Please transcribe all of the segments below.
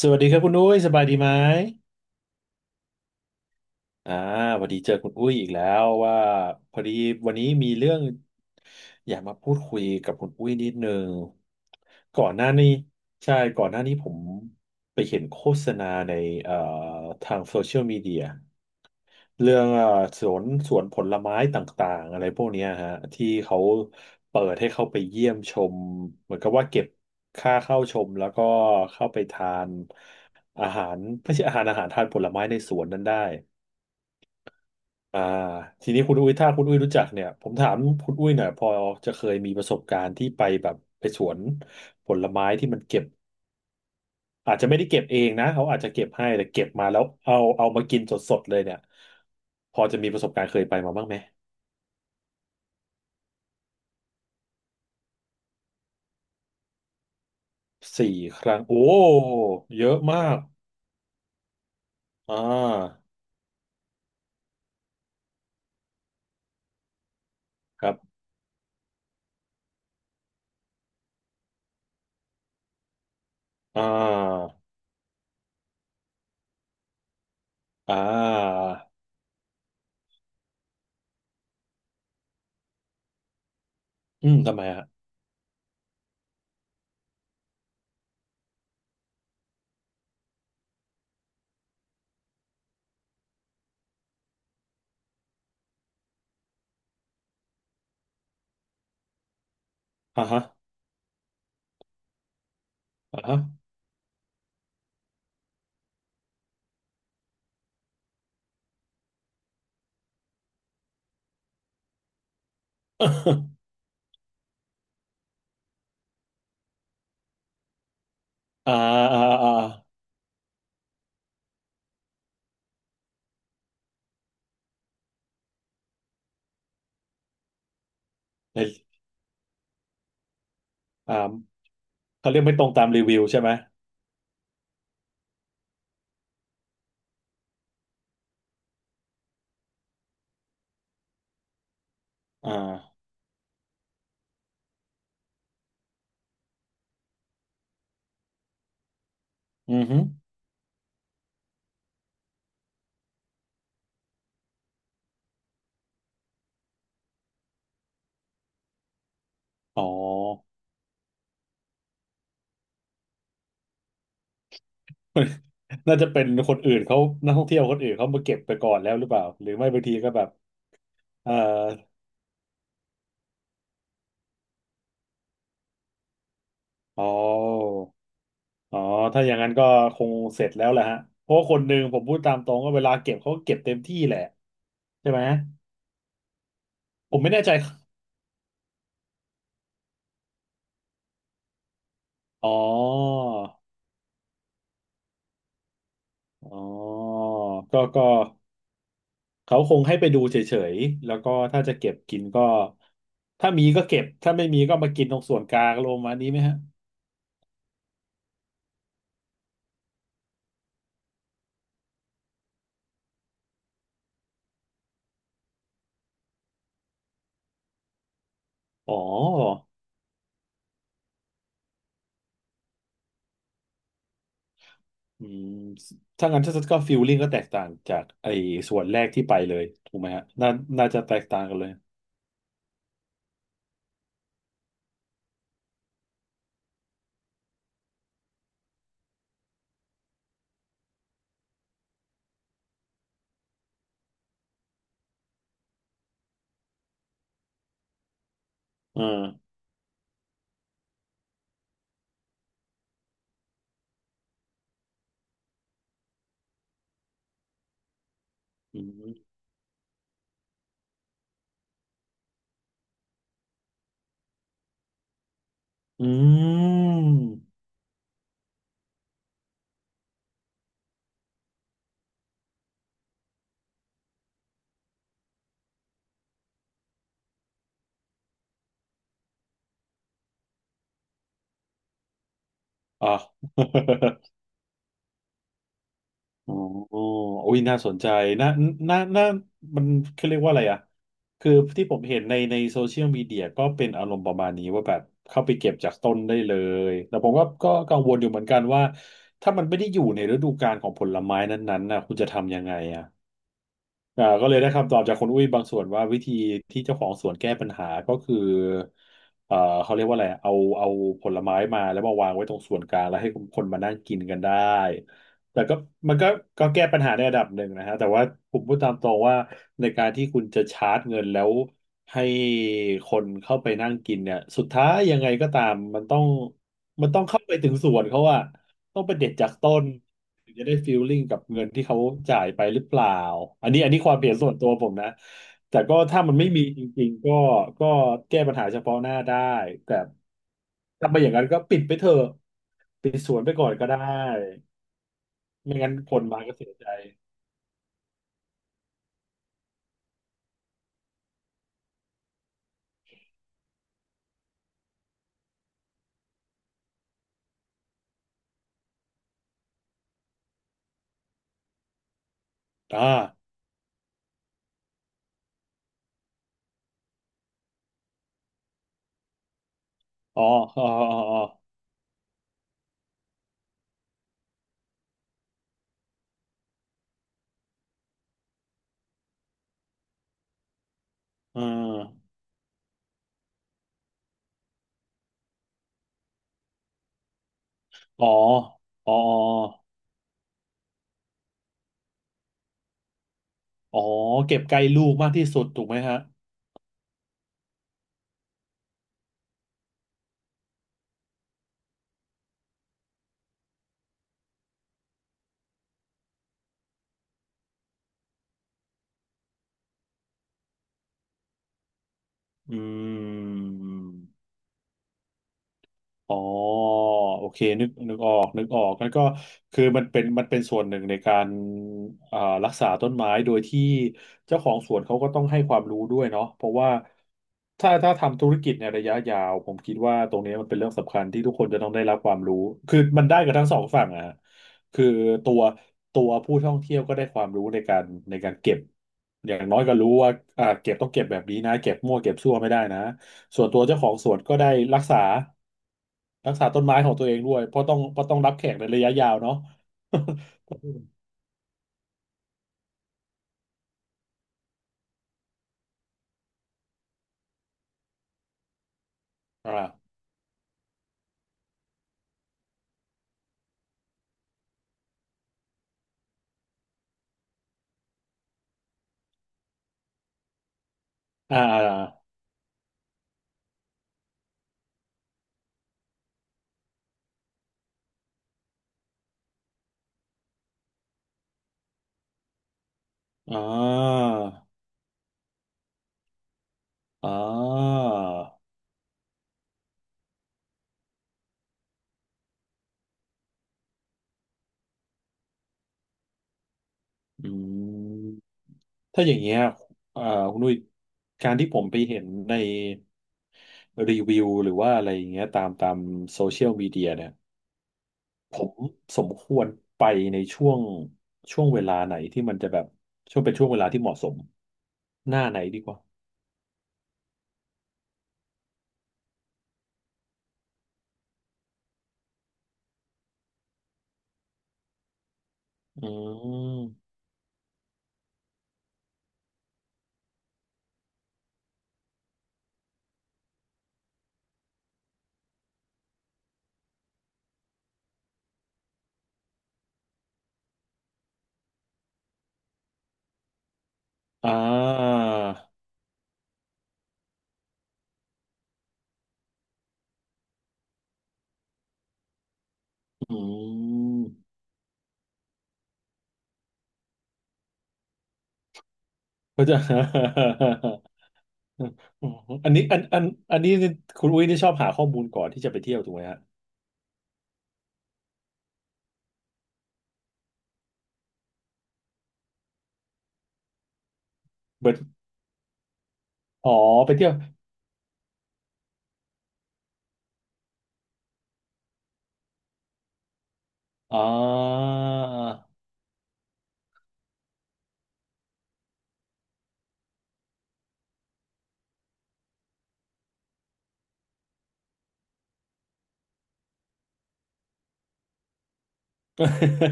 สวัสดีครับคุณอุ้ยสบายดีไหมอ่าพอดีเจอคุณอุ้ยอีกแล้วว่าพอดีวันนี้มีเรื่องอยากมาพูดคุยกับคุณอุ้ยนิดนึงก่อนหน้านี้ใช่ก่อนหน้านี้ผมไปเห็นโฆษณาในเอ่อทางโซเชียลมีเดีย เรื่องสวนผลไม้ต่างๆอะไรพวกเนี้ยฮะที่เขาเปิดให้เข้าไปเยี่ยมชมเหมือนกับว่าเก็บค่าเข้าชมแล้วก็เข้าไปทานอาหารไม่ใช่อาหารทานผลไม้ในสวนนั้นได้อ่าทีนี้คุณอุ้ยถ้าคุณอุ้ยรู้จักเนี่ยผมถามคุณอุ้ยหน่อยพอจะเคยมีประสบการณ์ที่ไปแบบไปสวนผลไม้ที่มันเก็บอาจจะไม่ได้เก็บเองนะเขาอาจจะเก็บให้แต่เก็บมาแล้วเอามากินสดๆเลยเนี่ยพอจะมีประสบการณ์เคยไปมาบ้างไหม สี่ครั้งโอ้เยอะมากอ่าครับอ่าอ่าอืมทำไมอะอ่าฮะอ่าฮะ อ่าอ่าอ่าในอ่าเขาเรียกไม่ตรงตามรีวิวใช่ไหมอ่าอือฮึอ๋อ น่าจะเป็นคนอื่นเขานักท่องเที่ยวคนอื่นเขามาเก็บไปก่อนแล้วหรือเปล่าหรือไม่บางทีก็แบบเอ่ออ๋อ อ๋อถ้าอย่างนั้นก็คงเสร็จแล้วแหละฮะเพราะว่าคนหนึ่งผมพูดตามตรงก็เวลาเก็บเขาก็เก็บเต็มที่แหละใช่ไหมผมไม่แน่ใจอ๋ออ๋อก็เขาคงให้ไปดูเฉยๆแล้วก็ถ้าจะเก็บกินก็ถ้ามีก็เก็บถ้าไม่มีก็มากินตรงส่วนกลางลงมาณนี้ไหมฮะอ๋ออืมถ้างั้นถ้าก็ฟิลลิ่งก็แตกต่างจากไอ้ส่วนแรกที่ไปเลยถูกไหมฮะน่าน่าจะแตกต่างกันเลยอ่าอืมอืม อ่ะ อ๋อโอุ้ยน่าสนใจ น่าน่าน่ามันคขาเรียกว่าอะไรอ่ะคือที่ผมเห็นในโซเชียลมีเดียก็เป็นอารมณ์ประมาณนี้ว่าแบบเข้าไปเก็บจากต้นได้เลย แต่ผมก็กังวลอยู่เหมือนกันว่าถ้ามันไม่ได้อยู่ในฤดูกาลของผลไม้นั้นๆน่ะคุณจะทำยังไงอ่ะ อ่าก็เลยได้คำตอบจากคุณอุ้ยบางส่วนว่าวิธีที่เจ้าของสวนแก้ปัญหาก็คือเอ่อเขาเรียกว่าอะไรเอาผลไม้มาแล้วมาวางไว้ตรงส่วนกลางแล้วให้คนมานั่งกินกันได้แต่ก็มันก็แก้ปัญหาในระดับหนึ่งนะฮะแต่ว่าผมพูดตามตรงว่าในการที่คุณจะชาร์จเงินแล้วให้คนเข้าไปนั่งกินเนี่ยสุดท้ายยังไงก็ตามมันต้องเข้าไปถึงสวนเขาอะต้องไปเด็ดจากต้น ถึงจะได้ฟีลลิ่งกับเงินที่เขาจ่ายไปหรือเปล่า อันนี้ความเห็นส่วนตัวผมนะ แต่ก็ถ้ามันไม่มีจริงๆก็แก้ปัญหาเฉพาะหน้าได้ แต่ถ้าไม่อย่างนั้นก็ปิดไปเถอะปิดสวนไปก่อนก็ได้ ไม่งั้นคนมาก็เสียใจอ่าอ๋ออ๋ออ๋ออ๋ออ๋ออ๋ออ๋อ อ๋อเก็บใกล้ลูกมากที่สุดถูกไหมฮะ อืม อ๋อโอเคนึกนึกออกนึกออกแั้นก็คือมันเป็นมันเป็นส่วนหนึ่งในการอ่ารักษาต้นไม้โดยที่เจ้าของสวนเขาก็ต้องให้ความรู้ด้วยเนาะเพราะว่าถ้าทำธุรกิจในระยะยาวผมคิดว่าตรงนี้มันเป็นเรื่องสำคัญที่ทุกคนจะต้องได้รับความรู้คือมันได้กับทั้งสองฝั่งอะฮะคือตัวผู้ท่องเที่ยวก็ได้ความรู้ในการในการเก็บอย่างน้อยก็รู้ว่าอ่าเก็บต้องเก็บแบบนี้นะเก็บมั่วเก็บซั่วไม่ได้นะส่วนตัวเจ้าของสวนก็ได้รักษา รักษาต้นไม้ของตัวเองด้วยเพราะต้องรับแขกในระยะยาวเนาะ อ่า อ่าอ่าอ่าอืมถ้าอย่างเงี้ยเอ่าคุณนุ้ยการที่ผมไปเห็นในรีวิวหรือว่าอะไรอย่างเงี้ยตามโซเชียลมีเดียเนี่ย ผมสมควรไปในช่วงช่วงเวลาไหนที่มันจะแบบช่วงเป็นช่วงเวลาที่เหมาะสม หน้าไหนดีกว่าอืมอ่า อืม ก็จะ อันนี้อันอันนี้คุณอุ้ยนี่ชอบหาข้อมูลก่อนที่จะไปเที่ยวถูกไหมฮะเบิดอ๋อไปเที่ยวอ๋อ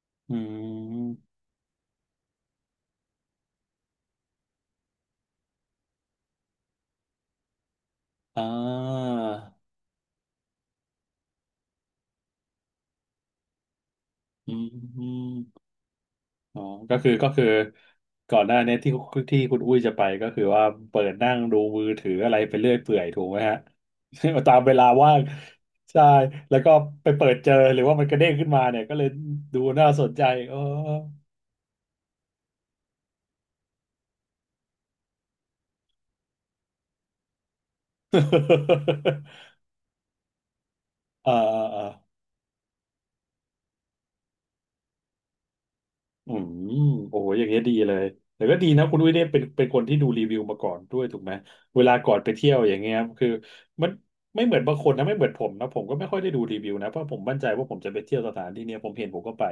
อืมอ่าอืม อ๋อก็คือก่อนหน้านี้ที่ที่คุณอุ้ยจะไปก็คือว่าเปิดนั่งดูมือถืออะไรไปเรื่อยเปื่อยถูกไหมฮะ ตามเวลาว่างใช่แล้วก็ไปเปิดเจอหรือว่ามันกระเด้งขึ้นมาเนี่ยก็เลยดูน่าสนใจ เออ อ่าอ่า อืมโอ้โหอย่างเงี้ยดีเลยแต่ก็ดีนะคุณอุ้ยเนี่ยเป็นคนที่ดูรีวิวมาก่อนด้วยถูกไหมเวลาก่อนไปเที่ยวอย่างเงี้ยคือมันไม่เหมือนบางคนนะไม่เหมือนผมนะผมก็ไม่ค่อยได้ดูรีวิวนะเพราะผมมั่นใจว่าผมจะไปเที่ยวสถานที่เนี้ยผมเห็นผมก็ไป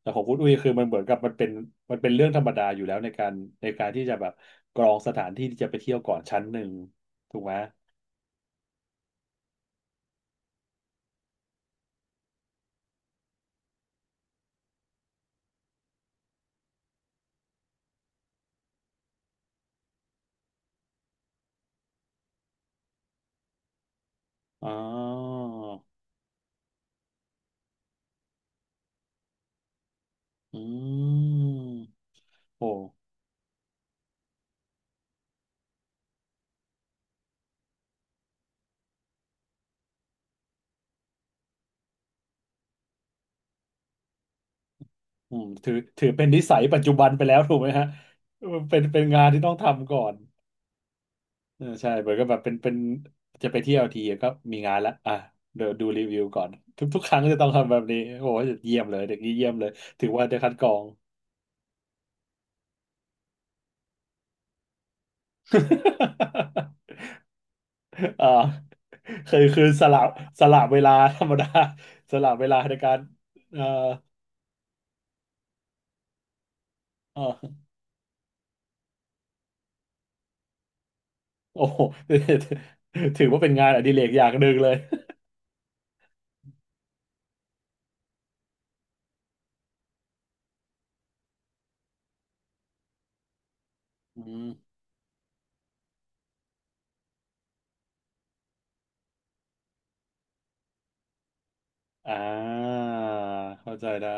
แต่ของคุณอุ้ยคือมันเหมือนกับมันเป็นเรื่องธรรมดาอยู่แล้วในการที่จะแบบกรองสถานที่ที่จะไปเที่ยวก่อนชั้นหนึ่งถูกไหมอ๋ออืมโอ้ อืมถือเป็นนิสัยปัจจุบันไปแล้วถูกไหมฮะเป็นงานที่ต้องทำก่อนเออใช่เหมือนกับแบบเป็นจะไปเที่ยวทีก็มีงานละอ่ะเดี๋ยวดูรีวิวก่อนทุกครั้งจะต้องทำแบบนี้โอ้โหเยี่ยมเลยเด็กนี้เยี่ยมเลยถือว่าได้คัดกรอง อ่าเคยคือสลบสลบเวลาธรรมดาสลับเวลาในการเอ่อเอ่อโอ้โห ถือว่าเป็นงานอดิเรกอย่างหนึ่งเลยอืม อ่าเข้าใจได้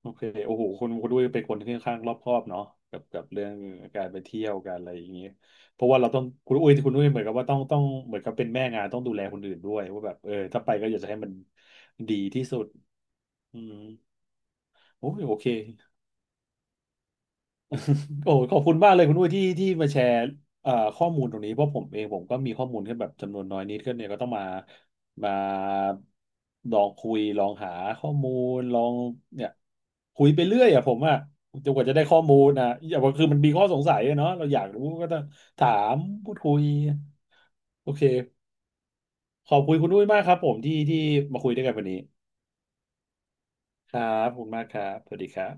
โอเคโอ้โหคุณด้วยเป็นคนที่ค่อนข้างรอบคอบเนาะกับเรื่องการไปเที่ยวการอะไรอย่างเงี้ยเพราะว่าเราต้องคุณอุ้ยเหมือนกับว่าต้องเหมือนกับเป็นแม่งานต้องดูแลคนอื่นด้วยว่าแบบเออถ้าไปก็อยากจะให้มันดีที่สุดอืมโอ้ยโอเค โอ้ขอบคุณมากเลยคุณอุ้ยที่มาแชร์ข้อมูลตรงนี้เพราะผมเองผมก็มีข้อมูลแค่แบบจำนวนน้อยนิดก็เนี่ยก็ต้องมาลองคุยลองหาข้อมูลลองเนี่ยคุยไปเรื่อยอะผมอะจนกว่าจะได้ข้อมูลนะอย่างว่าคือมันมีข้อสงสัยอะเนาะเราอยากรู้ก็ต้องถามพูดคุยโอเคขอบคุณคุณอุ้ยมากครับผมที่มาคุยด้วยกันวันนี้ครับขอบคุณมากครับสวัสดีครับ